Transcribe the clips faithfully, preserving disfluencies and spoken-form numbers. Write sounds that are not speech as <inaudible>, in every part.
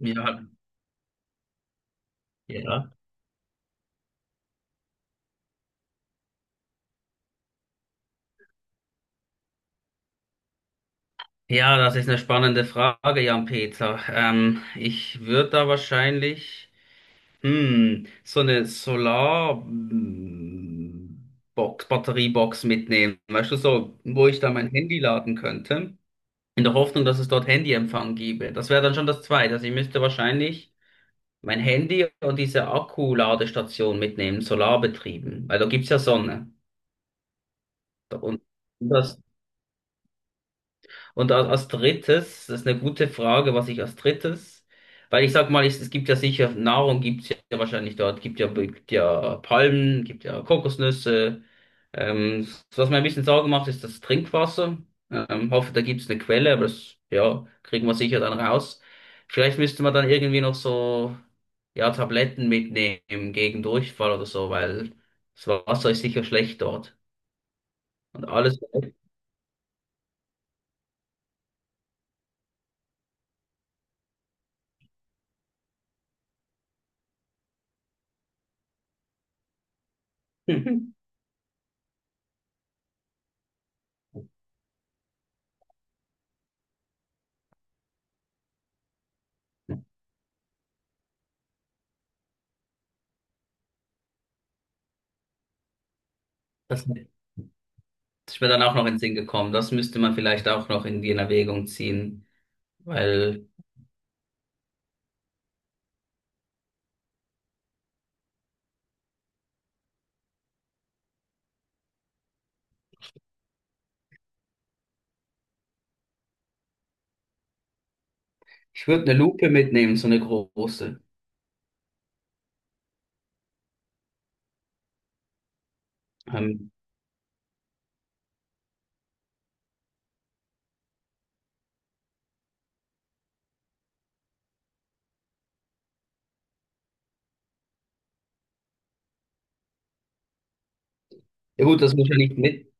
Ja, ja. Ja, das ist eine spannende Frage, Jan-Peter. Ähm, ich würde da wahrscheinlich hm, so eine Solar-Box, Batteriebox mitnehmen. Weißt du, so, wo ich da mein Handy laden könnte, in der Hoffnung, dass es dort Handyempfang gäbe. Das wäre dann schon das Zweite. Also ich müsste wahrscheinlich mein Handy und diese Akkuladestation mitnehmen, solarbetrieben, weil da gibt's ja Sonne. Und das Und a- als drittes, das ist eine gute Frage, was ich als drittes, weil ich sag mal, es, es gibt ja sicher, Nahrung gibt's ja wahrscheinlich dort, gibt ja, gibt ja Palmen, gibt ja Kokosnüsse. Ähm, Was mir ein bisschen Sorgen macht, ist das Trinkwasser. Ähm, hoffe, da gibt's eine Quelle, aber das, ja, kriegen wir sicher dann raus. Vielleicht müsste man dann irgendwie noch so, ja, Tabletten mitnehmen gegen Durchfall oder so, weil das Wasser ist sicher schlecht dort. Und alles. <laughs> Das Das ist mir dann auch noch in den Sinn gekommen. Das müsste man vielleicht auch noch irgendwie in Erwägung ziehen, weil ich würde eine Lupe mitnehmen, so eine große. Ähm, ja gut, das muss ja nicht mit.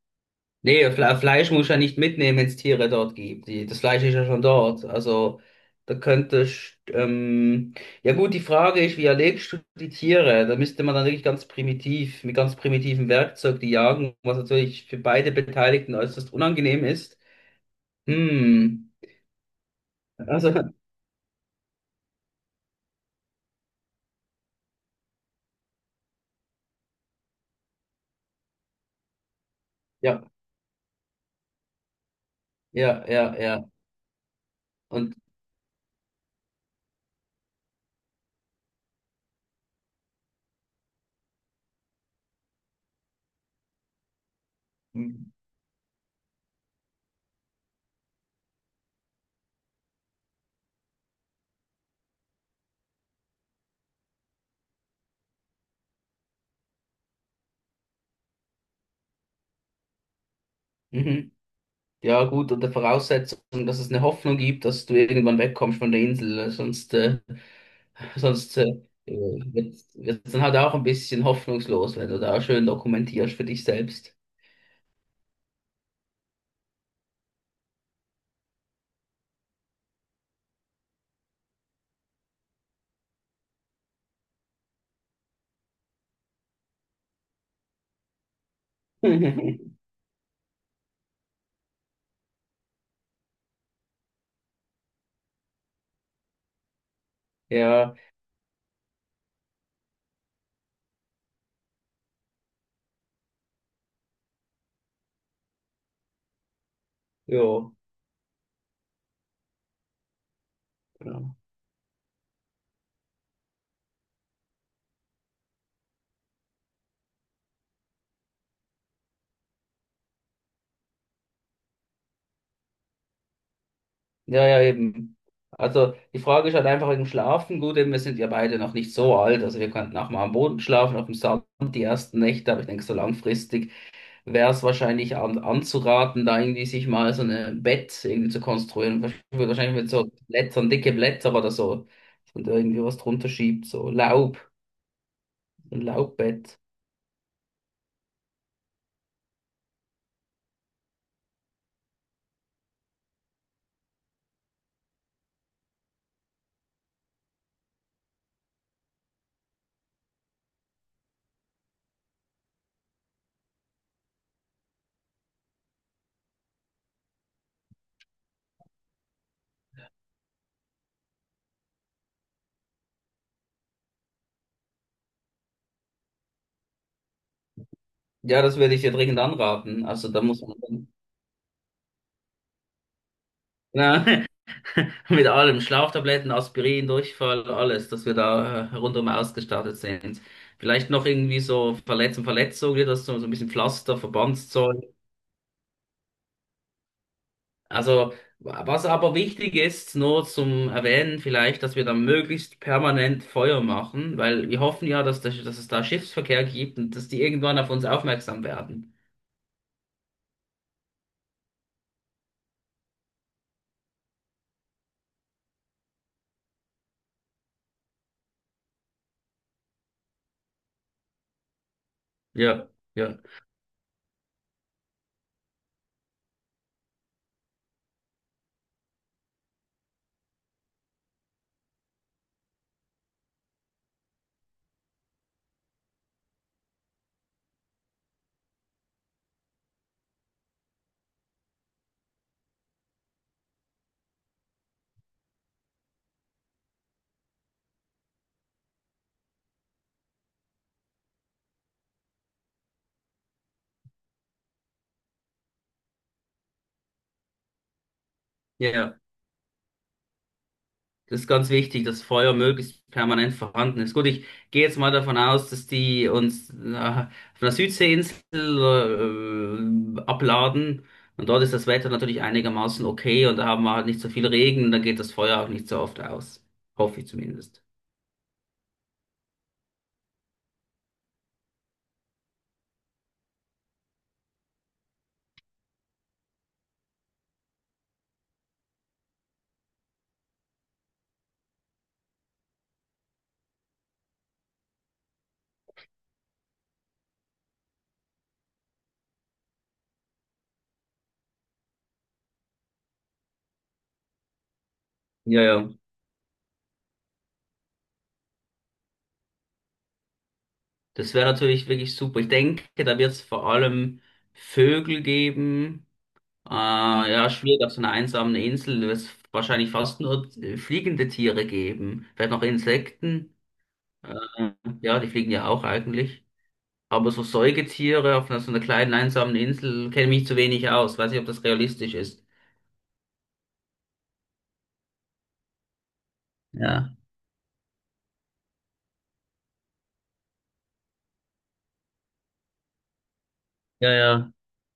Nee, Fle Fleisch muss ja nicht mitnehmen, wenn es Tiere dort gibt. Die, das Fleisch ist ja schon dort. Also da könnte ich, ähm, ja gut, die Frage ist, wie erlegst du die Tiere? Da müsste man dann wirklich ganz primitiv, mit ganz primitivem Werkzeug die jagen, was natürlich für beide Beteiligten äußerst unangenehm ist. Hm. Also, <laughs> ja, ja, ja, ja. Und mhm. Ja, gut, unter Voraussetzung, dass es eine Hoffnung gibt, dass du irgendwann wegkommst von der Insel. Sonst, äh, <laughs> sonst äh, wird es dann halt auch ein bisschen hoffnungslos, wenn du da schön dokumentierst für dich selbst. <laughs> Ja, jo. Ja, genau. Ja, ja, eben. Also die Frage ist halt einfach wegen dem Schlafen. Gut, eben, wir sind ja beide noch nicht so alt. Also wir könnten auch mal am Boden schlafen, auf dem Sand die ersten Nächte, aber ich denke, so langfristig wäre es wahrscheinlich an, anzuraten, da irgendwie sich mal so ein Bett irgendwie zu konstruieren. Wahrsch- Wahrscheinlich mit so Blättern, dicke Blätter oder so, dass man da irgendwie was drunter schiebt, so Laub, ein Laubbett. Ja, das würde ich dir dringend anraten. Also da muss man dann, na, <laughs> mit allem, Schlaftabletten, Aspirin, Durchfall, alles, dass wir da äh, rundum ausgestattet sind. Vielleicht noch irgendwie so Verletzung, Verletzung, das so, so ein bisschen Pflaster, Verbandszeug. Also, was aber wichtig ist, nur zum Erwähnen vielleicht, dass wir da möglichst permanent Feuer machen, weil wir hoffen ja, dass, das, dass es da Schiffsverkehr gibt und dass die irgendwann auf uns aufmerksam werden. Ja, ja, ja, ja. Das ist ganz wichtig, dass Feuer möglichst permanent vorhanden ist. Gut, ich gehe jetzt mal davon aus, dass die uns äh, auf einer Südseeinsel äh, äh, abladen und dort ist das Wetter natürlich einigermaßen okay und da haben wir halt nicht so viel Regen und da geht das Feuer auch nicht so oft aus. Hoffe ich zumindest. Ja, ja. Das wäre natürlich wirklich super. Ich denke, da wird es vor allem Vögel geben. Äh, ja, schwierig auf so einer einsamen Insel. Da wird es wahrscheinlich fast nur äh, fliegende Tiere geben. Vielleicht noch Insekten. Äh, ja, die fliegen ja auch eigentlich. Aber so Säugetiere auf einer, so einer kleinen einsamen Insel kenne ich mich zu wenig aus. Weiß nicht, ob das realistisch ist. Ja, ja, ja.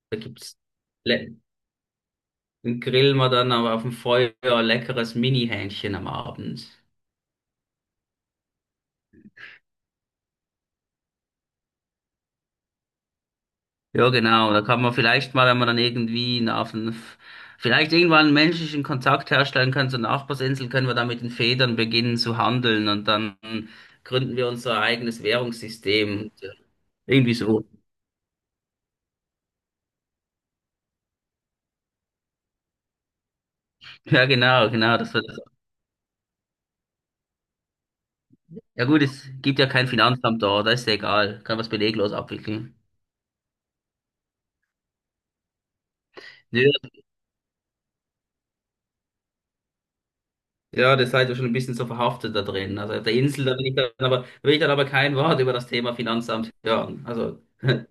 Da gibt's le- dann grillen wir dann aber auf dem Feuer leckeres Mini-Hähnchen am Abend. Ja, genau. Da kann man vielleicht mal, wenn man dann irgendwie auf einen, vielleicht irgendwann einen menschlichen Kontakt herstellen können zur Nachbarsinsel, können wir dann mit den Federn beginnen zu handeln und dann gründen wir unser eigenes Währungssystem. Irgendwie so. Ja, genau, genau. Das wird, ja gut, es gibt ja kein Finanzamt da, da ist ja egal. Kann was beleglos abwickeln. Ja, ja, das seid ihr schon ein bisschen so verhaftet da drin. Also auf der Insel, da will ich dann aber, will ich dann aber kein Wort über das Thema Finanzamt hören. Also, <laughs>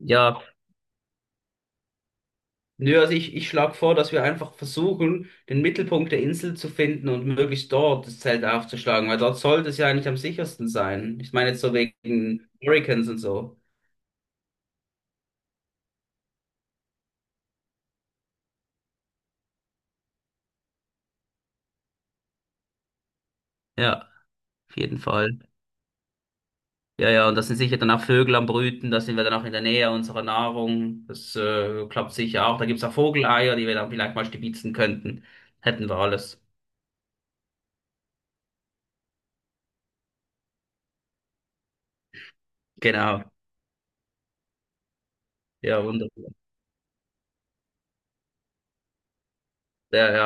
ja. Nö, also ich, ich schlage vor, dass wir einfach versuchen, den Mittelpunkt der Insel zu finden und möglichst dort das Zelt aufzuschlagen, weil dort sollte es ja eigentlich am sichersten sein. Ich meine jetzt so wegen Hurricanes und so. Ja, auf jeden Fall. Ja, ja, und da sind sicher dann auch Vögel am Brüten, da sind wir dann auch in der Nähe unserer Nahrung. Das äh, klappt sicher auch. Da gibt's auch Vogeleier, die wir dann vielleicht mal stibitzen könnten. Hätten wir alles. Genau. Ja, wunderbar. Ja, ja.